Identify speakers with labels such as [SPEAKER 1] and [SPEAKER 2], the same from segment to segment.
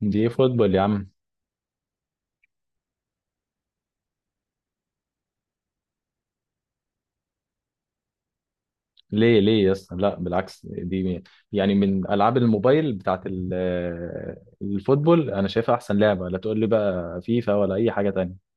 [SPEAKER 1] دي إيه فوتبول يا عم. ليه ليه يا اسطى، لا بالعكس، دي يعني من العاب الموبايل بتاعت الفوتبول، انا شايفها احسن لعبه. لا تقول لي بقى فيفا ولا اي حاجه تانية.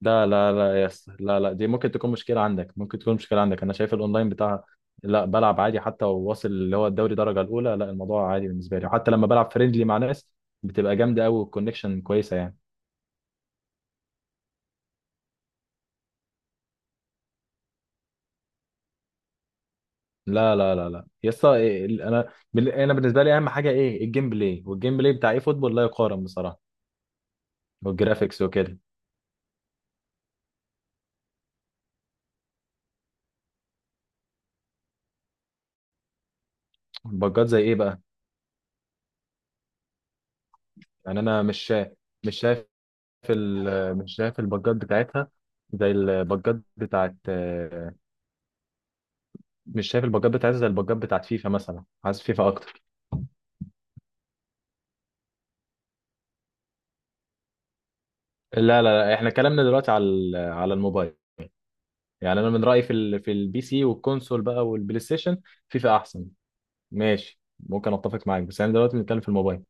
[SPEAKER 1] لا لا لا يا اسطى، لا لا، دي ممكن تكون مشكله عندك، ممكن تكون مشكله عندك. انا شايف الاونلاين بتاعها، لا بلعب عادي، حتى وواصل اللي هو الدوري درجه الاولى. لا الموضوع عادي بالنسبه لي، وحتى لما بلعب فريندلي مع ناس بتبقى جامده قوي والكونكشن كويسه يعني. لا لا لا لا يا اسطى، إيه- إيه، انا انا بالنسبه لي اهم حاجه ايه؟ الجيم بلاي، والجيم بلاي بتاع ايه فوتبول لا يقارن بصراحه. والجرافيكس وكده. البجات زي ايه بقى؟ يعني انا مش شايف، مش شايف مش شايف البجات بتاعتها زي البجات بتاعت مش شايف البجات بتاعتها زي البجات بتاعت فيفا مثلا، عايز فيفا اكتر. لا لا لا، احنا كلامنا دلوقتي على على الموبايل. يعني انا من رايي في في البي سي والكونسول بقى والبلاي ستيشن، فيفا احسن. ماشي ممكن اتفق معاك، بس انا دلوقتي بنتكلم في الموبايل.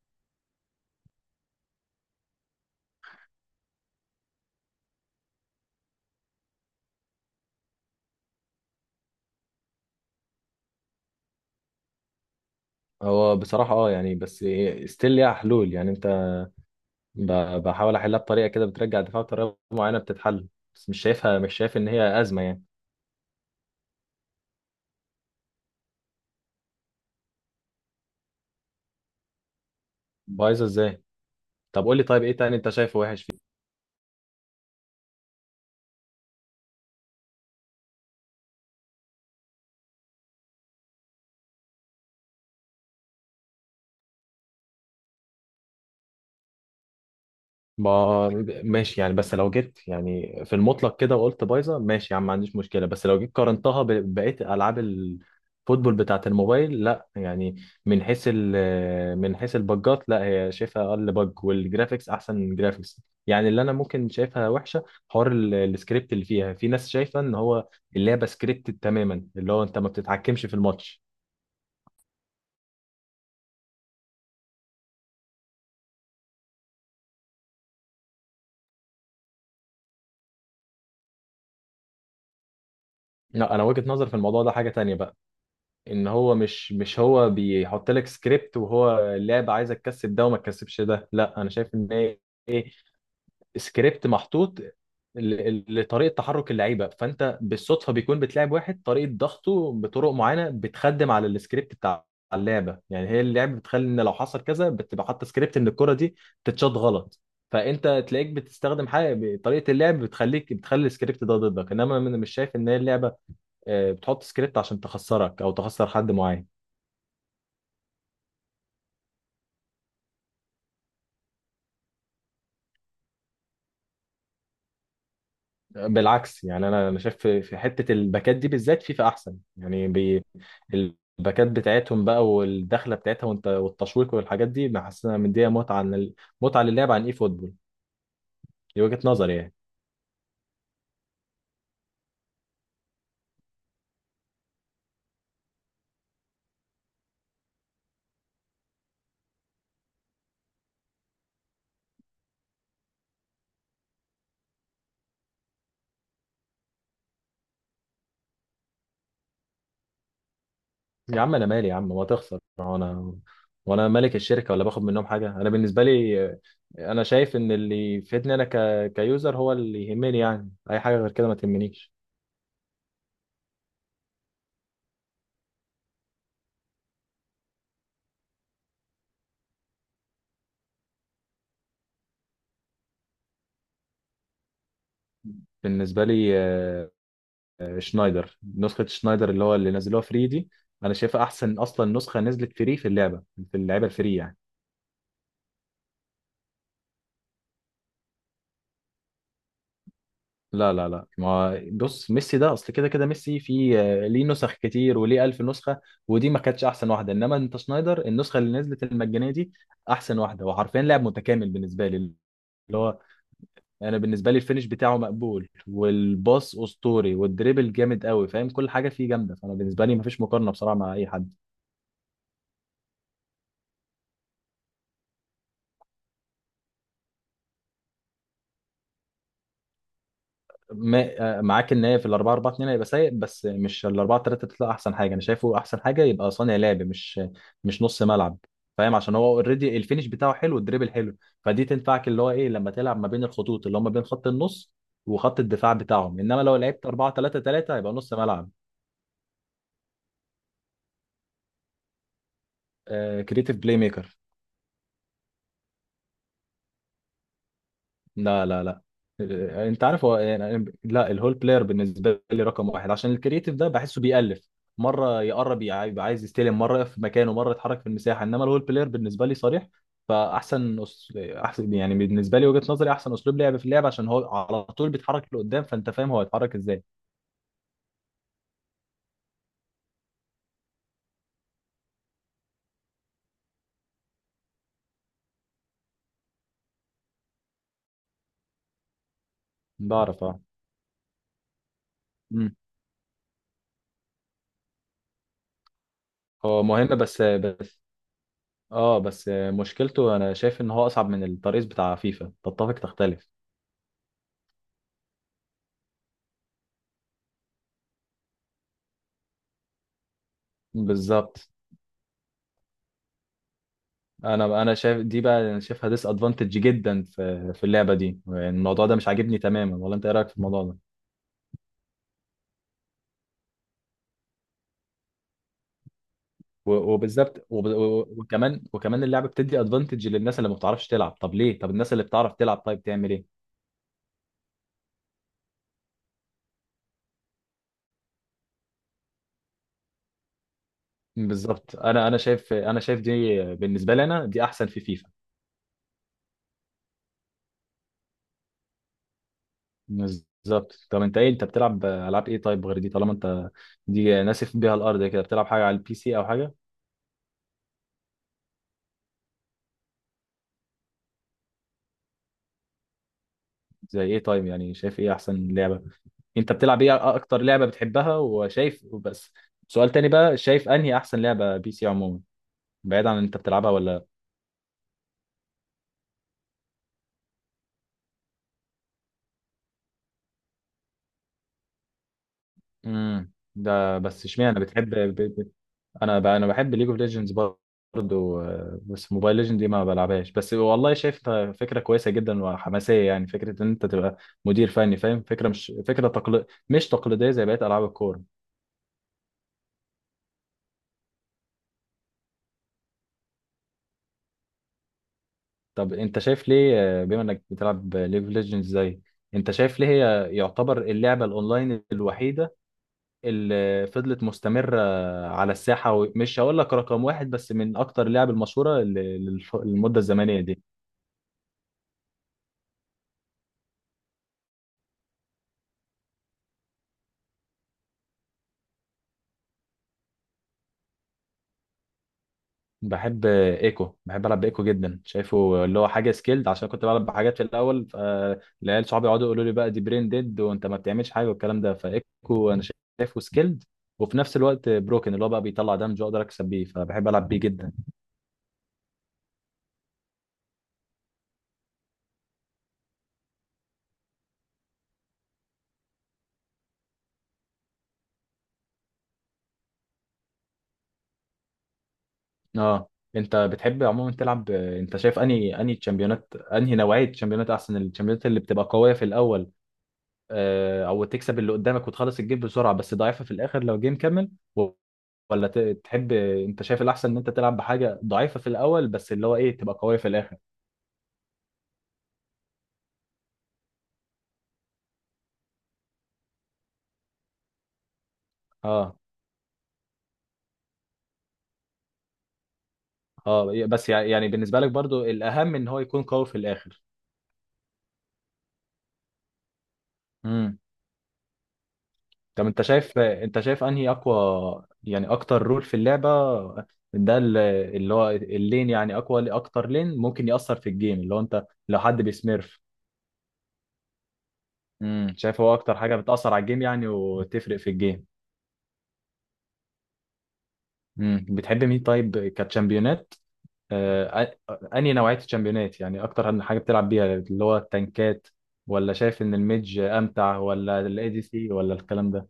[SPEAKER 1] هو بصراحة اه يعني، بس ستيل ليها حلول يعني. انت ب- بحاول احلها بطريقه كده، بترجع الدفاع بطريقه معينه بتتحل، بس مش شايفها، مش شايف ان هي ازمه يعني. بايظه ازاي؟ طب قول لي طيب، ايه تاني انت شايفه وحش؟ ما ماشي يعني، بس لو جيت يعني في المطلق كده وقلت بايظه، ماشي يا عم، ما عنديش مشكله. بس لو جيت قارنتها ببقيه العاب الفوتبول بتاعه الموبايل، لا يعني. من حيث من حيث البجات، لا، هي شايفها اقل بج، والجرافيكس احسن جرافيكس يعني. اللي انا ممكن شايفها وحشه، حوار السكريبت اللي فيها، في ناس شايفه ان هو اللعبه سكريبتد تماما، اللي هو انت ما بتتحكمش في الماتش. لا، انا وجهه نظر في الموضوع ده حاجه تانية بقى، ان هو مش هو بيحط لك سكريبت، وهو اللعبه عايزه تكسب ده وما تكسبش ده. لا، انا شايف ان هي ايه، سكريبت محطوط لطريقه تحرك اللعيبه، فانت بالصدفه بيكون بتلعب واحد طريقه ضغطه بطرق معينه بتخدم على السكريبت بتاع اللعبه. يعني هي اللعبه بتخلي ان لو حصل كذا، بتبقى حاطه سكريبت ان الكره دي تتشاط غلط. فانت تلاقيك بتستخدم حاجه، طريقه اللعب بتخليك بتخلي السكريبت ده ضدك. انما انا مش شايف ان هي اللعبه بتحط سكريبت عشان تخسرك او تخسر حد معين. بالعكس يعني، انا انا شايف في في حته الباكات دي بالذات فيفا احسن يعني بي. الباكات بتاعتهم بقى، والدخله بتاعتها وانت والتشويق والحاجات دي، بحسها مديها متعه عن متعه للعب عن اي فوتبول. دي وجهه نظري يعني. يا عم انا مالي يا عم، ما تخسر، هو انا وانا مالك الشركه ولا باخد منهم حاجه؟ انا بالنسبه لي انا شايف ان اللي يفيدني انا كيوزر هو اللي يهمني. يعني اي حاجه غير كده ما تهمنيش. بالنسبه لي شنايدر، نسخه شنايدر اللي هو اللي نزلوها فري دي، انا شايفها احسن اصلا نسخه نزلت فري في اللعبه، في اللعبه الفري يعني. لا لا لا، ما بص، ميسي ده اصل كده كده ميسي في ليه نسخ كتير وليه ألف نسخه، ودي ما كانتش احسن واحده. انما انت شنايدر، النسخه اللي نزلت المجانيه دي احسن واحده، وحرفيا لاعب متكامل بالنسبه لي، اللي هو، انا بالنسبه لي الفينش بتاعه مقبول، والباص اسطوري، والدريبل جامد قوي، فاهم؟ كل حاجه فيه جامده، فانا بالنسبه لي ما فيش مقارنه بصراحه مع اي حد. ما معاك ان هي في ال 4 4 2 هيبقى سيء، بس مش ال 4 3 3 احسن حاجه. انا شايفه احسن حاجه يبقى صانع لعب، مش مش نص ملعب، فاهم؟ عشان هو اوريدي الفينش بتاعه حلو، الدريبل حلو، فدي تنفعك اللي هو ايه، لما تلعب ما بين الخطوط، اللي هم بين خط النص وخط الدفاع بتاعهم. انما لو لعبت 4 3 3 هيبقى نص ملعب. آه، كريتيف بلاي ميكر. لا لا لا، انت عارف هو يعني، لا الهول بلاير بالنسبه لي رقم واحد، عشان الكرييتيف ده بحسه بيألف، مره يقرب يبقى عايز يستلم، مره يقف في مكانه، مره يتحرك في المساحه. انما الهول بلاير بالنسبه لي صريح، فاحسن احسن يعني بالنسبه لي، وجهه نظري، احسن اسلوب لعب في اللعب، عشان هو على طول بيتحرك لقدام، فانت فاهم هو هيتحرك ازاي. بعرف اه. مم. هو مهم بس بس، اه بس مشكلته انا شايف ان هو اصعب من الترقيص بتاع فيفا، تتفق تختلف. بالظبط، انا انا شايف دي بقى، انا شايفها ديس ادفانتج جدا في في اللعبه دي. يعني الموضوع ده مش عاجبني تماما، ولا انت ايه رايك في الموضوع ده؟ وبالذات وكمان وكمان اللعبه بتدي ادفانتج للناس اللي ما بتعرفش تلعب. طب ليه؟ طب الناس اللي بتعرف تلعب طيب تعمل ايه؟ بالظبط، انا انا شايف، انا شايف دي بالنسبه لي، انا دي احسن في فيفا. بالظبط. طب انت ايه، انت بتلعب العاب ايه طيب غير دي؟ طالما انت دي ناسف بيها الارض كده، بتلعب حاجه على البي سي او حاجه؟ زي ايه طيب؟ يعني شايف ايه احسن لعبه انت بتلعب ايه، اكتر لعبة بتحبها، وشايف، وبس سؤال تاني بقى، شايف انهي احسن لعبة بي سي عموما، بعيد عن انت بتلعبها ولا لأ؟ امم، ده بس اشمعنى بتحب انا انا بحب ليج اوف ليجندز برضه بس موبايل ليجند دي ما بلعبهاش. بس والله شايفها فكرة كويسة جدا وحماسية يعني، فكرة ان انت تبقى مدير فني، فاهم؟ فكرة مش فكرة مش تقليدية زي بقية العاب الكورة. طب انت شايف ليه بما انك بتلعب ليج اوف ليجندز زي، انت شايف ليه هي يعتبر اللعبة الاونلاين الوحيدة اللي فضلت مستمرة على الساحة، ومش هقول لك رقم واحد، بس من أكتر اللعب المشهورة للمدة الزمنية دي؟ بحب ايكو، بحب العب بايكو جدا، شايفه اللي هو حاجه سكيلد. عشان كنت بلعب بحاجات في الاول، فالعيال صحابي يقعدوا يقولوا لي بقى دي برين ديد، وانت ما بتعملش حاجه والكلام ده. فايكو انا شايفه سكيلد، وفي نفس الوقت بروكن، اللي هو بقى بيطلع دمج، واقدر اكسب بيه، فبحب العب بيه جدا. اه. انت بتحب عموما تلعب، انت شايف انهي انهي تشامبيونات، انهي نوعيه تشامبيونات احسن؟ التشامبيونات اللي بتبقى قويه في الاول او تكسب اللي قدامك وتخلص الجيم بسرعه، بس ضعيفه في الاخر لو جيم كمل، و- ولا ت- تحب، انت شايف الاحسن ان انت تلعب بحاجه ضعيفه في الاول بس اللي هو ايه، تبقى قويه في الاخر؟ اه. اه بس يعني بالنسبه لك برضو الاهم ان هو يكون قوي في الاخر. امم. طب انت شايف، انت شايف انهي اقوى، يعني اكتر رول في اللعبه ده اللي هو اللين؟ يعني اقوى اكتر لين ممكن ياثر في الجيم، اللي هو انت لو حد بيسميرف. امم، شايف هو اكتر حاجه بتاثر على الجيم يعني وتفرق في الجيم. مم. بتحب مين طيب كتشامبيونات؟ انهي نوعية الشامبيونات يعني اكتر عن حاجة بتلعب بيها، اللي هو التنكات، ولا شايف ان الميدج امتع، ولا الاي دي سي، ولا الكلام ده؟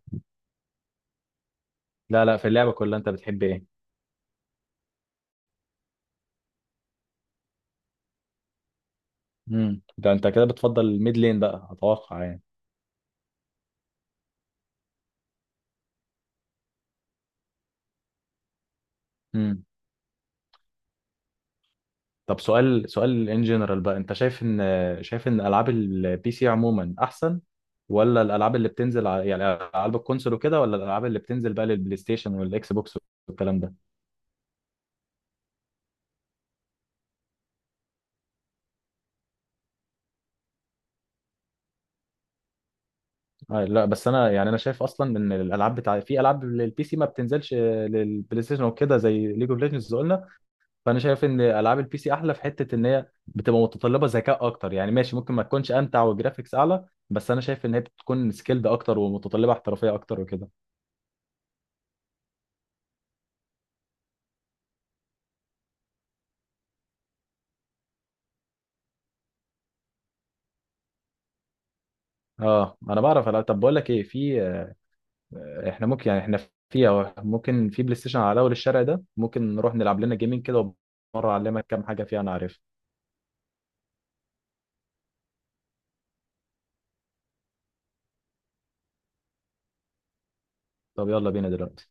[SPEAKER 1] لا لا، في اللعبة كلها انت بتحب ايه؟ امم، ده انت كده بتفضل الميد لين بقى اتوقع يعني. امم. طب سؤال، سؤال ان جنرال بقى، انت شايف ان، شايف ان العاب البي سي عموما احسن، ولا الالعاب اللي بتنزل على يعني العاب الكونسول وكده، ولا الالعاب اللي بتنزل بقى للبلاي ستيشن والاكس بوكس والكلام ده؟ لا بس انا يعني، انا شايف اصلا ان الالعاب بتاع في العاب للبي سي ما بتنزلش للبلاي ستيشن وكده، زي ليج اوف ليجندز قلنا. فانا شايف ان العاب البي سي احلى في حته ان هي بتبقى متطلبه ذكاء اكتر يعني. ماشي ممكن ما تكونش امتع وجرافيكس اعلى، بس انا شايف ان هي بتكون سكيلد اكتر، ومتطلبه احترافيه اكتر وكده. اه انا بعرف ألعب. طب بقول لك ايه، في احنا ممكن يعني، احنا في ممكن في بلاي ستيشن على اول الشارع ده، ممكن نروح نلعب لنا جيمين كده، ومره اعلمك كام حاجه فيها انا عارفها. طب يلا بينا دلوقتي.